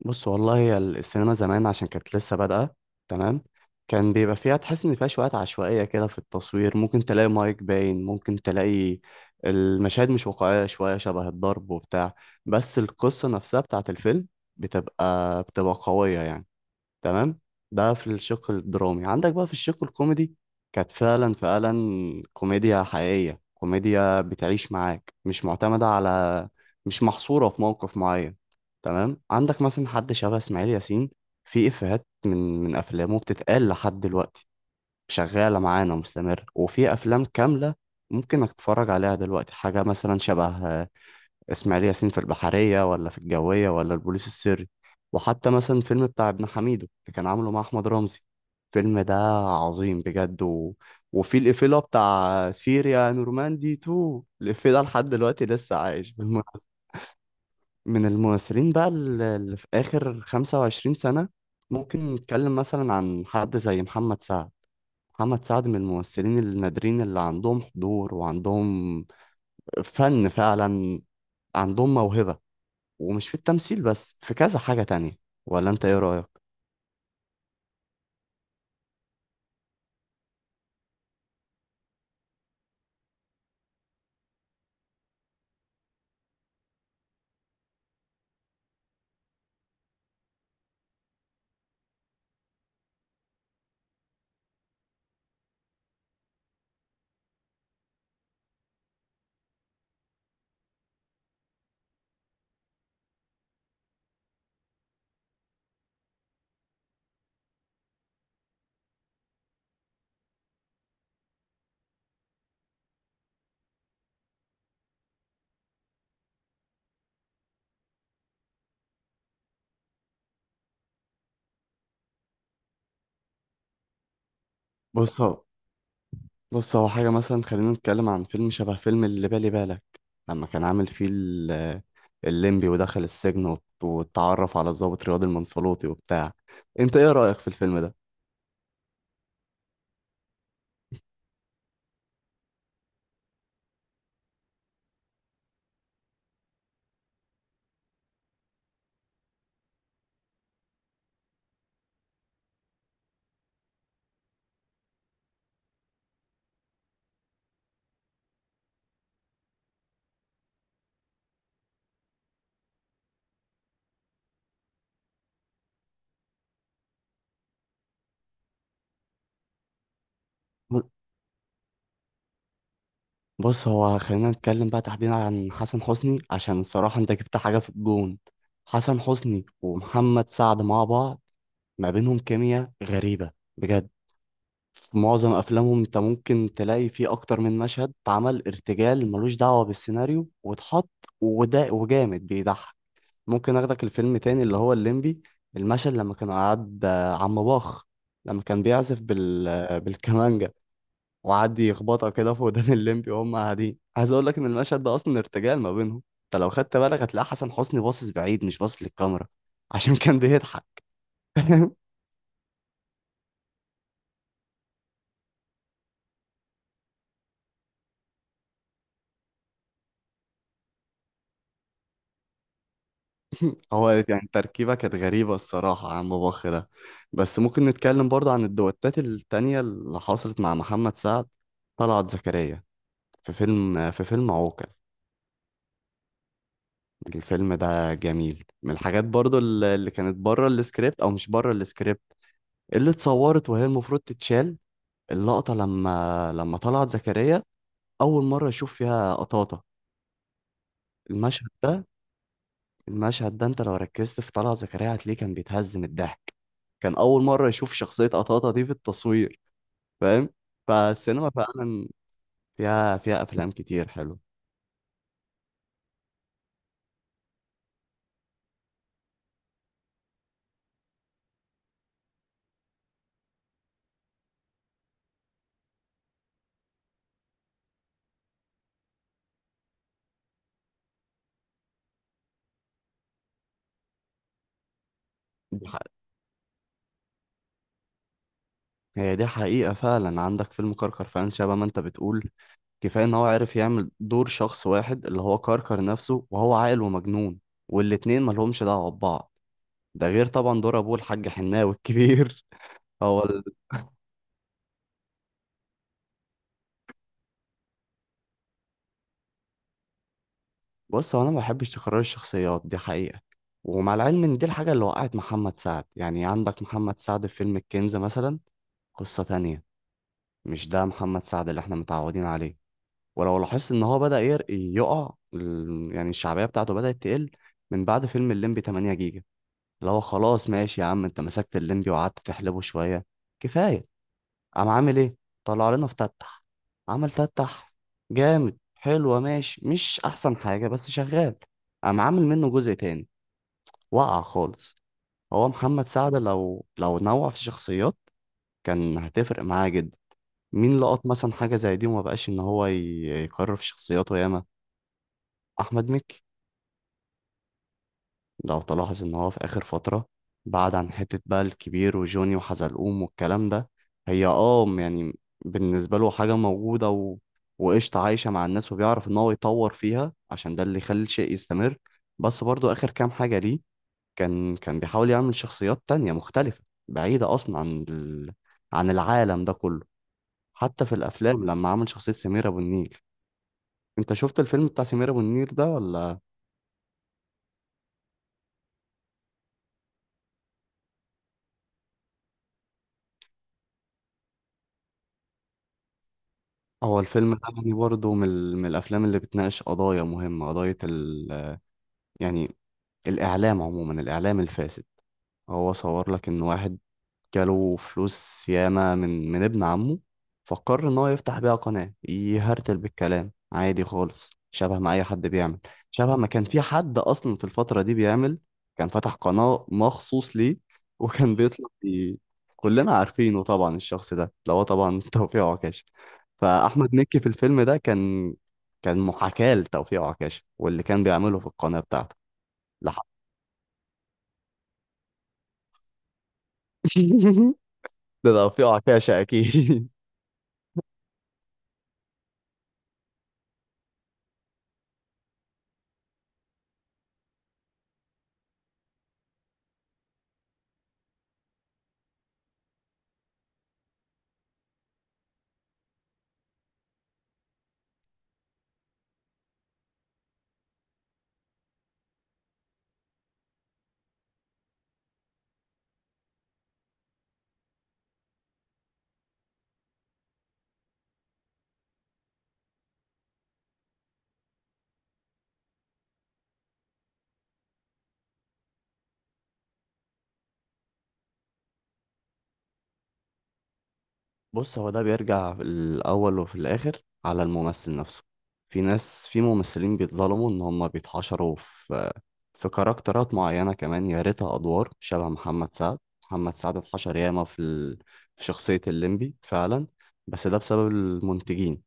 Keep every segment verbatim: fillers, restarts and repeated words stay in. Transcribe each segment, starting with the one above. بص والله هي السينما زمان عشان كانت لسه بادئة. تمام. كان بيبقى فيها تحس إن فيها شوية عشوائية كده في التصوير، ممكن تلاقي مايك باين، ممكن تلاقي المشاهد مش واقعية شوية، شبه الضرب وبتاع. بس القصة نفسها بتاعت الفيلم بتبقى بتبقى قوية يعني. تمام. ده في الشق الدرامي. عندك بقى في الشق الكوميدي كانت فعلا فعلا كوميديا حقيقية، كوميديا بتعيش معاك، مش معتمدة على، مش محصورة في موقف معين. تمام، عندك مثلا حد شبه إسماعيل ياسين. في إفيهات من من أفلامه بتتقال لحد دلوقتي، شغالة معانا مستمر. وفي أفلام كاملة ممكن إنك تتفرج عليها دلوقتي، حاجة مثلا شبه اسماعيل ياسين في البحرية، ولا في الجوية، ولا البوليس السري. وحتى مثلا الفيلم بتاع ابن حميدو اللي كان عامله مع أحمد رمزي. الفيلم ده عظيم بجد و... وفي الإفيلا بتاع سيريا نورماندي اتنين، الإفيه ده لحد دلوقتي لسه عايش بالمناسبة. من الممثلين بقى ال- اللي في آخر 25 سنة، ممكن نتكلم مثلا عن حد زي محمد سعد. محمد سعد من الممثلين النادرين اللي عندهم حضور وعندهم فن فعلا، عندهم موهبة، ومش في التمثيل بس، في كذا حاجة تانية. ولا انت ايه رأيك؟ بص هو بص هو حاجة مثلا خلينا نتكلم عن فيلم شبه فيلم اللي بالي بالك لما كان عامل فيه ال- الليمبي ودخل السجن وت- واتعرف على الضابط رياض المنفلوطي وبتاع. انت ايه رأيك في الفيلم ده؟ ب- بص هو خلينا نتكلم بقى تحديدا عن حسن حسني، عشان الصراحة انت جبت حاجة في الجون. حسن حسني ومحمد سعد مع بعض ما بينهم كيمياء غريبة بجد. في معظم افلامهم انت ممكن تلاقي فيه اكتر من مشهد اتعمل ارتجال، ملوش دعوة بالسيناريو، واتحط، وده وجامد بيضحك. ممكن اخدك الفيلم تاني اللي هو الليمبي، المشهد لما كان قعد آه، عم باخ لما كان بيعزف بال آه، بالكمانجا، وقعد يخبطها كده في ودان الليمبي وهم قاعدين. عايز اقول لك ان المشهد ده اصلا ارتجال ما بينهم. انت لو خدت بالك هتلاقي حسن حسني باصص بعيد، مش باصص للكاميرا، عشان كان بيضحك. هو يعني تركيبة كانت غريبة الصراحة عن باباخ ده. بس ممكن نتكلم برضه عن الدوتات التانية اللي حصلت مع محمد سعد، طلعت زكريا في فيلم في فيلم عوكل. الفيلم ده جميل. من الحاجات برضه اللي اللي كانت بره السكريبت او مش بره السكريبت، اللي اتصورت وهي المفروض تتشال، اللقطة لما لما طلعت زكريا اول مرة يشوف فيها قطاطة. المشهد ده، المشهد ده انت لو ركزت في طلعت زكريا هتلاقيه كان بيتهز من الضحك، كان اول مره يشوف شخصيه قطاطا دي في التصوير. فاهم؟ فالسينما فعلا فيها فيها افلام كتير حلو. دي حق- هي دي حقيقه فعلا. عندك فيلم كركر فعلا شبه ما انت بتقول، كفايه ان هو عرف يعمل دور شخص واحد اللي هو كركر نفسه، وهو عاقل ومجنون، والاتنين مالهمش دعوه ببعض. ده غير طبعا دور ابوه الحاج حناوي الكبير. هو بص هو انا ما بحبش تكرار الشخصيات دي حقيقة. ومع العلم ان دي الحاجة اللي وقعت محمد سعد. يعني عندك محمد سعد في فيلم الكنز مثلا، قصة تانية، مش ده محمد سعد اللي احنا متعودين عليه. ولو لاحظت ان هو بدأ ير- يقع ال- يعني الشعبية بتاعته بدأت تقل من بعد فيلم الليمبي 8 جيجا، اللي هو خلاص ماشي يا عم، انت مسكت الليمبي وقعدت تحلبه شوية، كفاية. قام عامل ايه؟ طلع لنا فتتح. عمل فتتح، جامد، حلوة، ماشي مش احسن حاجة بس شغال. قام عامل منه جزء تاني، وقع خالص. هو محمد سعد لو لو نوع في الشخصيات كان هتفرق معاه جدا. مين لقط مثلا حاجة زي دي وما بقاش ان هو ي- يكرر في شخصياته ياما؟ احمد مكي لو تلاحظ ان هو في اخر فترة بعد عن حتة بقى الكبير وجوني وحزلقوم والكلام ده. هي اه يعني بالنسبة له حاجة موجودة و... وقشطة، عايشة مع الناس، وبيعرف ان هو يطور فيها عشان ده اللي يخلي الشيء يستمر. بس برضو اخر كام حاجة ليه كان كان بيحاول يعمل شخصيات تانية مختلفة، بعيدة اصلا عن ال... عن العالم ده كله. حتى في الافلام لما عمل شخصية سمير ابو النيل، انت شفت الفيلم بتاع سمير ابو النيل ده ولا؟ هو الفيلم ده يعني برضه من, ال- من الأفلام اللي بتناقش قضايا مهمة، قضية ال... يعني الإعلام عموما، الإعلام الفاسد. هو صور لك إن واحد جاله فلوس ياما من من ابن عمه، فقرر ان هو يفتح بيها قناة يهرتل بالكلام عادي خالص شبه ما اي حد بيعمل، شبه ما كان في حد اصلا في الفترة دي بيعمل. كان فتح قناة مخصوص ليه وكان بيطلع بي... كلنا عارفينه طبعا، الشخص ده اللي هو طبعا توفيق عكاشة. فاحمد مكي في الفيلم ده كان، كان محاكاة لتوفيق عكاشة واللي كان بيعمله في القناة بتاعته. لحق. ده توفيق عكاشة اكيد. بص هو ده بيرجع في الأول وفي الآخر على الممثل نفسه. في ناس، في ممثلين بيتظلموا إن هما بيتحشروا في في كاركترات معينة، كمان يا ريتها أدوار شبه محمد سعد. محمد سعد اتحشر ياما في ال... في شخصية الليمبي فعلا، بس ده بسبب المنتجين.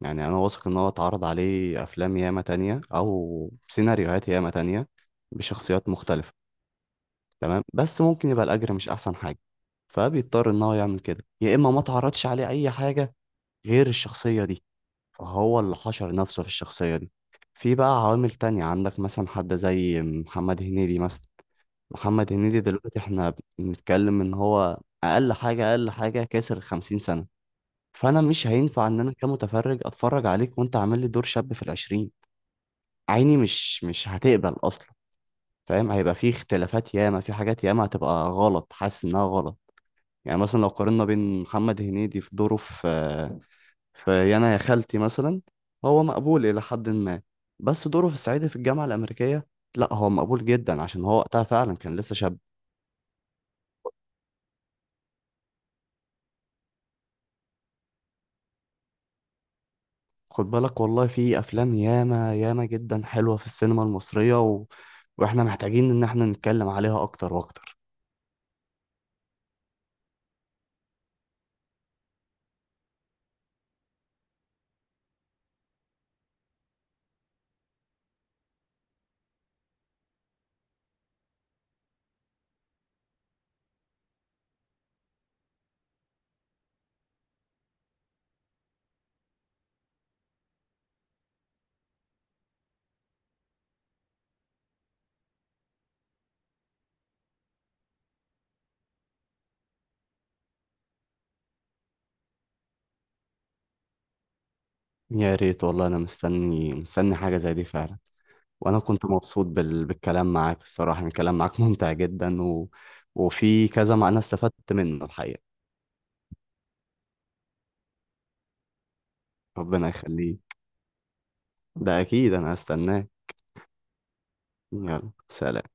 يعني أنا واثق إن هو اتعرض عليه أفلام ياما تانية أو سيناريوهات ياما تانية بشخصيات مختلفة، تمام، بس ممكن يبقى الأجر مش أحسن حاجة، فبيضطر إن هو يعمل كده، يا إما ما اتعرضش عليه أي حاجة غير الشخصية دي، فهو اللي حشر نفسه في الشخصية دي. في بقى عوامل تانية، عندك مثلا حد زي محمد هنيدي مثلا. محمد هنيدي دلوقتي احنا بنتكلم ان هو اقل حاجة اقل حاجة كسر خمسين سنة، فانا مش هينفع ان انا كمتفرج اتفرج عليك وانت عامل لي دور شاب في العشرين. عيني مش مش هتقبل اصلا، فاهم؟ هيبقى في اختلافات ياما، في حاجات ياما هتبقى غلط، حاسس انها غلط. يعني مثلا لو قارنا بين محمد هنيدي في دوره في في يانا يا خالتي مثلا، هو مقبول إلى حد ما. بس دوره في الصعيدي في الجامعة الأمريكية، لا هو مقبول جدا عشان هو وقتها فعلا كان لسه شاب. خد بالك والله في أفلام ياما ياما جدا حلوة في السينما المصرية و... وإحنا محتاجين إن إحنا نتكلم عليها أكتر وأكتر. يا ريت والله، أنا مستني مستني حاجة زي دي فعلا. وأنا كنت مبسوط بال... بالكلام معاك الصراحة، يعني الكلام معاك ممتع جدا و... وفي كذا معنى استفدت منه الحقيقة. ربنا يخليك، ده أكيد أنا هستناك. يلا، سلام.